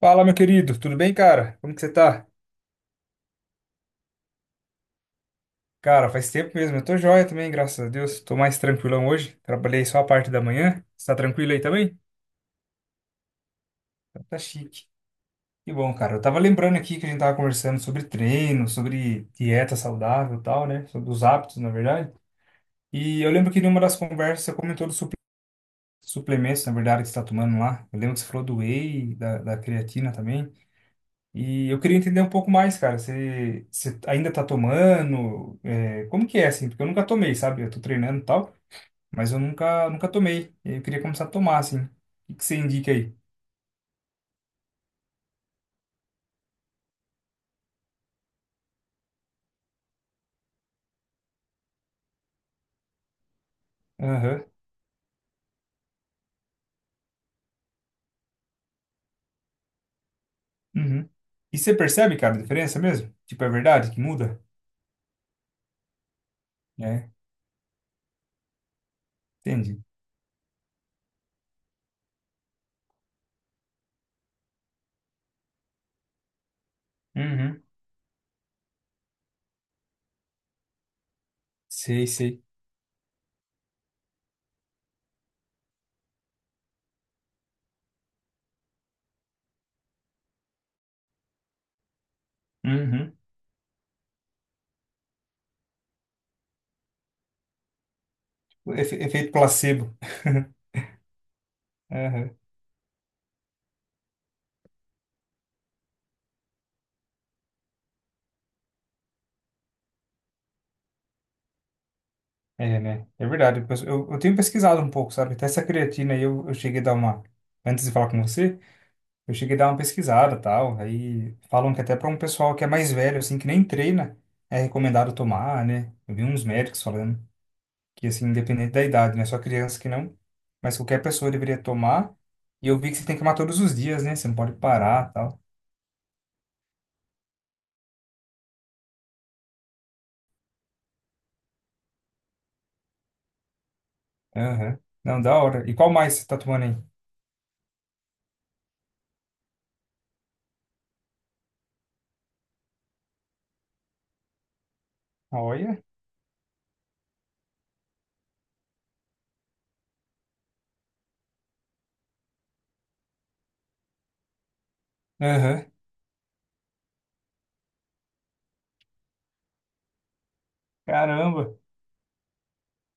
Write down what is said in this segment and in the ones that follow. Fala, meu querido, tudo bem, cara? Como que você tá? Cara, faz tempo mesmo, eu tô joia também, graças a Deus. Tô mais tranquilão hoje, trabalhei só a parte da manhã. Você tá tranquilo aí também? Então tá chique. Que bom, cara. Eu tava lembrando aqui que a gente tava conversando sobre treino, sobre dieta saudável e tal, né? Sobre os hábitos, na verdade. E eu lembro que numa das conversas você comentou dos suplementos, na verdade, que você tá tomando lá. Eu lembro que você falou do whey, da creatina também. E eu queria entender um pouco mais, cara. Você ainda tá tomando? É, como que é, assim? Porque eu nunca tomei, sabe? Eu tô treinando e tal, mas eu nunca, nunca tomei. E aí eu queria começar a tomar, assim. O que que você indica aí? Aham. Uhum. E você percebe, cara, a diferença mesmo? Tipo, é verdade que muda? É, entendi. Uhum. Sei, sei. Uhum. Efeito placebo. Aham. É, né? É verdade. Eu tenho pesquisado um pouco, sabe? Até essa creatina aí eu cheguei a dar uma. Antes de falar com você. Eu cheguei a dar uma pesquisada, tal, aí falam que até para um pessoal que é mais velho, assim, que nem treina, é recomendado tomar, né? Eu vi uns médicos falando que, assim, independente da idade, né? Só criança que não, mas qualquer pessoa deveria tomar. E eu vi que você tem que tomar todos os dias, né? Você não pode parar, tal. Aham. Não, da hora. E qual mais você tá tomando aí? Olha. Aham. Caramba.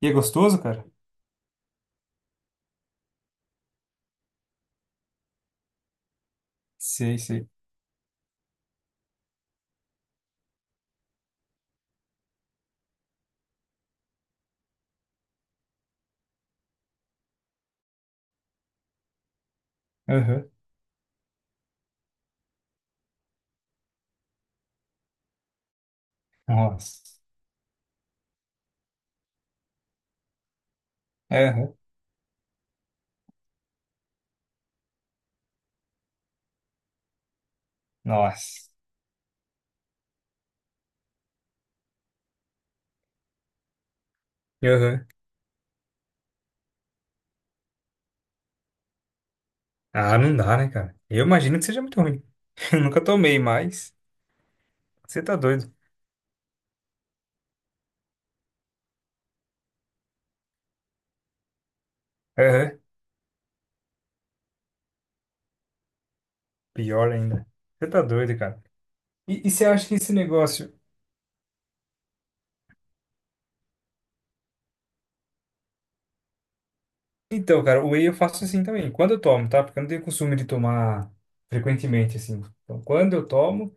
E é gostoso, cara? Sei, sei. Aham. Nossa. Aham. Nossa. Aham. Ah, não dá, né, cara? Eu imagino que seja muito ruim. Eu nunca tomei, mas você tá doido. Aham. Pior ainda. Você tá doido, cara. E você acha que esse negócio. Então, cara, o whey eu faço assim também. Quando eu tomo, tá? Porque eu não tenho costume de tomar frequentemente, assim. Então, quando eu tomo,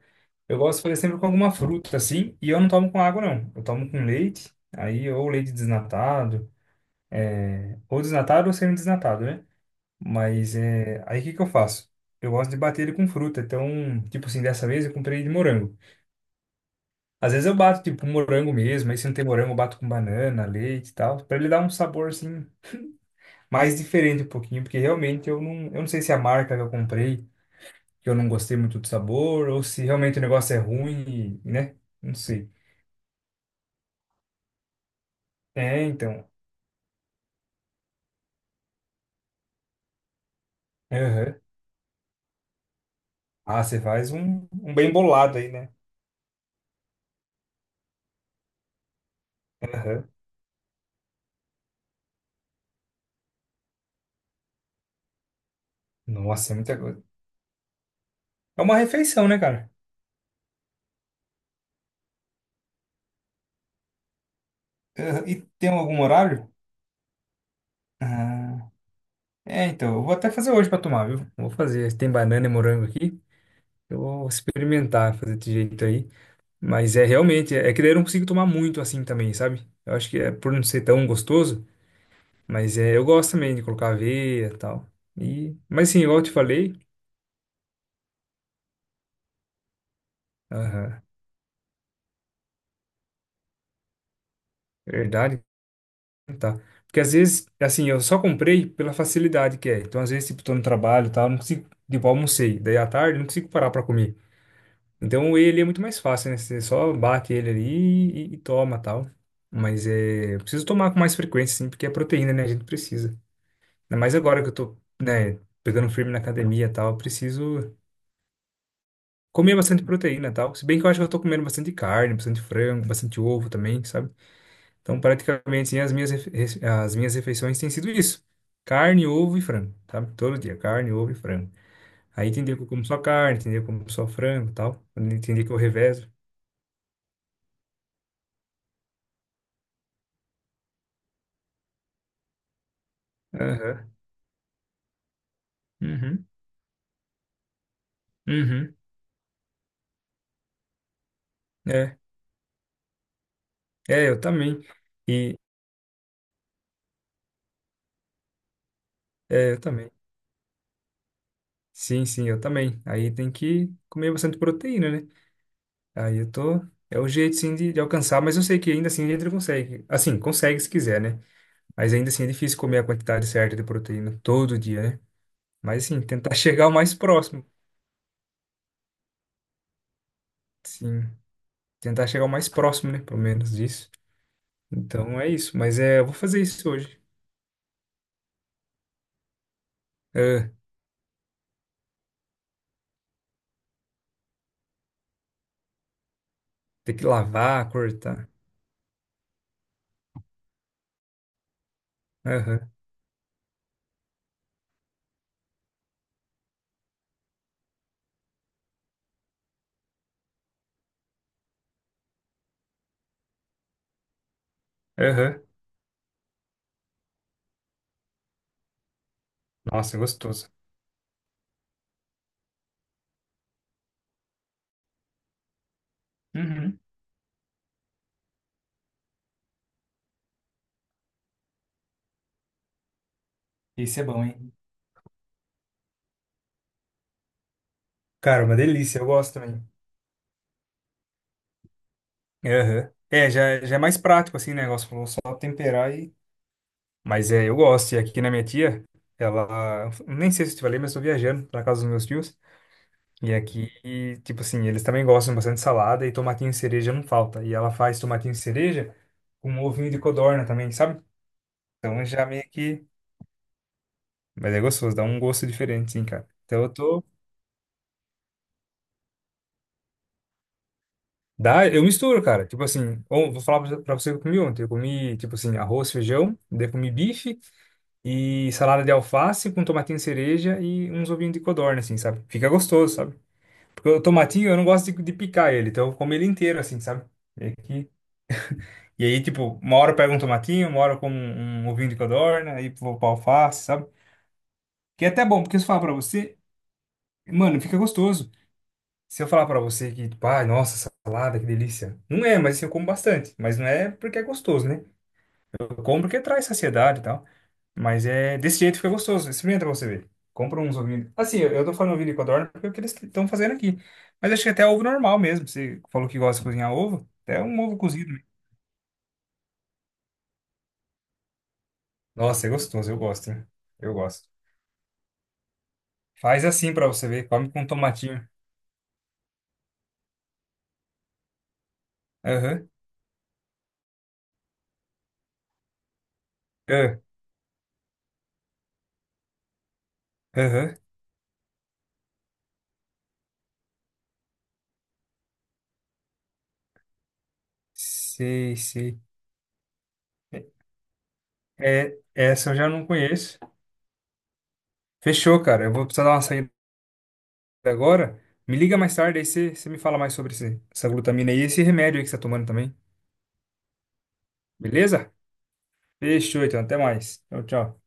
eu gosto de fazer sempre com alguma fruta, assim. E eu não tomo com água, não. Eu tomo com leite. Aí, ou leite desnatado. É... Ou desnatado ou semi-desnatado, né? Mas é. Aí o que que eu faço? Eu gosto de bater ele com fruta. Então, tipo assim, dessa vez eu comprei de morango. Às vezes eu bato, tipo, com morango mesmo. Aí se não tem morango, eu bato com banana, leite e tal. Pra ele dar um sabor, assim, mais diferente um pouquinho. Porque realmente eu não sei se é a marca que eu comprei, que eu não gostei muito do sabor, ou se realmente o negócio é ruim, e, né? Não sei. É, então. Aham. Ah, você faz um bem bolado aí, né? Aham. Nossa, é muita coisa. É uma refeição, né, cara? Aham. E tem algum horário? Ah. É, então, eu vou até fazer hoje pra tomar, viu? Vou fazer. Tem banana e morango aqui. Eu vou experimentar fazer desse jeito aí. Mas é realmente, é que daí eu não consigo tomar muito assim também, sabe? Eu acho que é por não ser tão gostoso, mas é, eu gosto também de colocar aveia e tal. E, mas assim, igual eu te falei, aham, verdade, tá. Porque às vezes, assim, eu só comprei pela facilidade que é. Então, às vezes, tipo, tô no trabalho e tal, não consigo, tipo, almocei. Daí à tarde, não consigo parar pra comer. Então ele é muito mais fácil, né? Você só bate ele ali e toma tal. Mas é, eu preciso tomar com mais frequência, sim, porque é proteína, né? A gente precisa. Ainda mais agora que eu tô, né, pegando firme na academia e tal, eu preciso comer bastante proteína e tal. Se bem que eu acho que eu tô comendo bastante carne, bastante frango, bastante ovo também, sabe? Então praticamente assim, as minhas, as minhas refeições têm sido isso: carne, ovo e frango, sabe? Todo dia, carne, ovo e frango. Aí tem dia que eu como só carne, tem dia que eu como só frango e tal. Tem dia que eu revezo. Aham. Uhum. Uhum. É, eu também. E eu também. Sim, sim, eu também. Aí tem que comer bastante proteína, né? Aí eu tô. É o jeito sim de alcançar, mas eu sei que ainda assim a gente consegue. Assim, consegue se quiser, né? Mas ainda assim é difícil comer a quantidade certa de proteína todo dia, né? Mas assim, tentar chegar o mais próximo. Sim, tentar chegar o mais próximo, né? Pelo menos disso. Então é isso. Mas é, eu vou fazer isso hoje. Ah, tem que lavar, cortar. Aham, aham. Nossa, é gostoso. Uhum. Esse é bom, hein? Cara, uma delícia, eu gosto também. Aham. É, já, já é mais prático assim o negócio, falou só temperar e. Mas é, eu gosto. E aqui na minha tia, ela. Nem sei se eu te falei, mas eu tô viajando pra casa dos meus tios. E aqui, e, tipo assim, eles também gostam bastante de salada e tomatinho e cereja não falta. E ela faz tomatinho e cereja com um ovinho de codorna também, sabe? Então já meio que. Mas é gostoso, dá um gosto diferente, sim, cara. Então eu tô. Dá, eu misturo, cara. Tipo assim, vou falar pra você o que eu comi ontem. Eu comi, tipo assim, arroz, feijão, daí comi bife e salada de alface com tomatinho cereja e uns ovinhos de codorna, assim, sabe? Fica gostoso, sabe? Porque o tomatinho eu não gosto de picar ele, então eu como ele inteiro, assim, sabe? E, aqui... e aí, tipo, uma hora eu pego um tomatinho, uma hora eu como um ovinho de codorna, aí vou pra alface, sabe? Que é até bom, porque se eu falar pra você, mano, fica gostoso. Se eu falar pra você que, tipo, ai, nossa, salada, que delícia. Não é, mas assim, eu como bastante. Mas não é porque é gostoso, né? Eu compro porque traz saciedade e tal. Mas é desse jeito fica gostoso. Experimenta pra você ver. Compra uns ovinhos. Assim, eu tô falando ovinho de codorna porque é o que eles estão fazendo aqui. Mas acho que até ovo normal mesmo. Você falou que gosta de cozinhar ovo. Até um ovo cozido. Nossa, é gostoso. Eu gosto, hein? Eu gosto. Faz assim pra você ver. Come com tomatinho. Aham. Ah. Aham. Sei, sei. É, essa eu já não conheço. Fechou, cara. Eu vou precisar dar uma saída agora. Me liga mais tarde, aí você me fala mais sobre essa glutamina aí e esse remédio aí que você tá tomando também. Beleza? Fechou, então. Até mais. Tchau, tchau.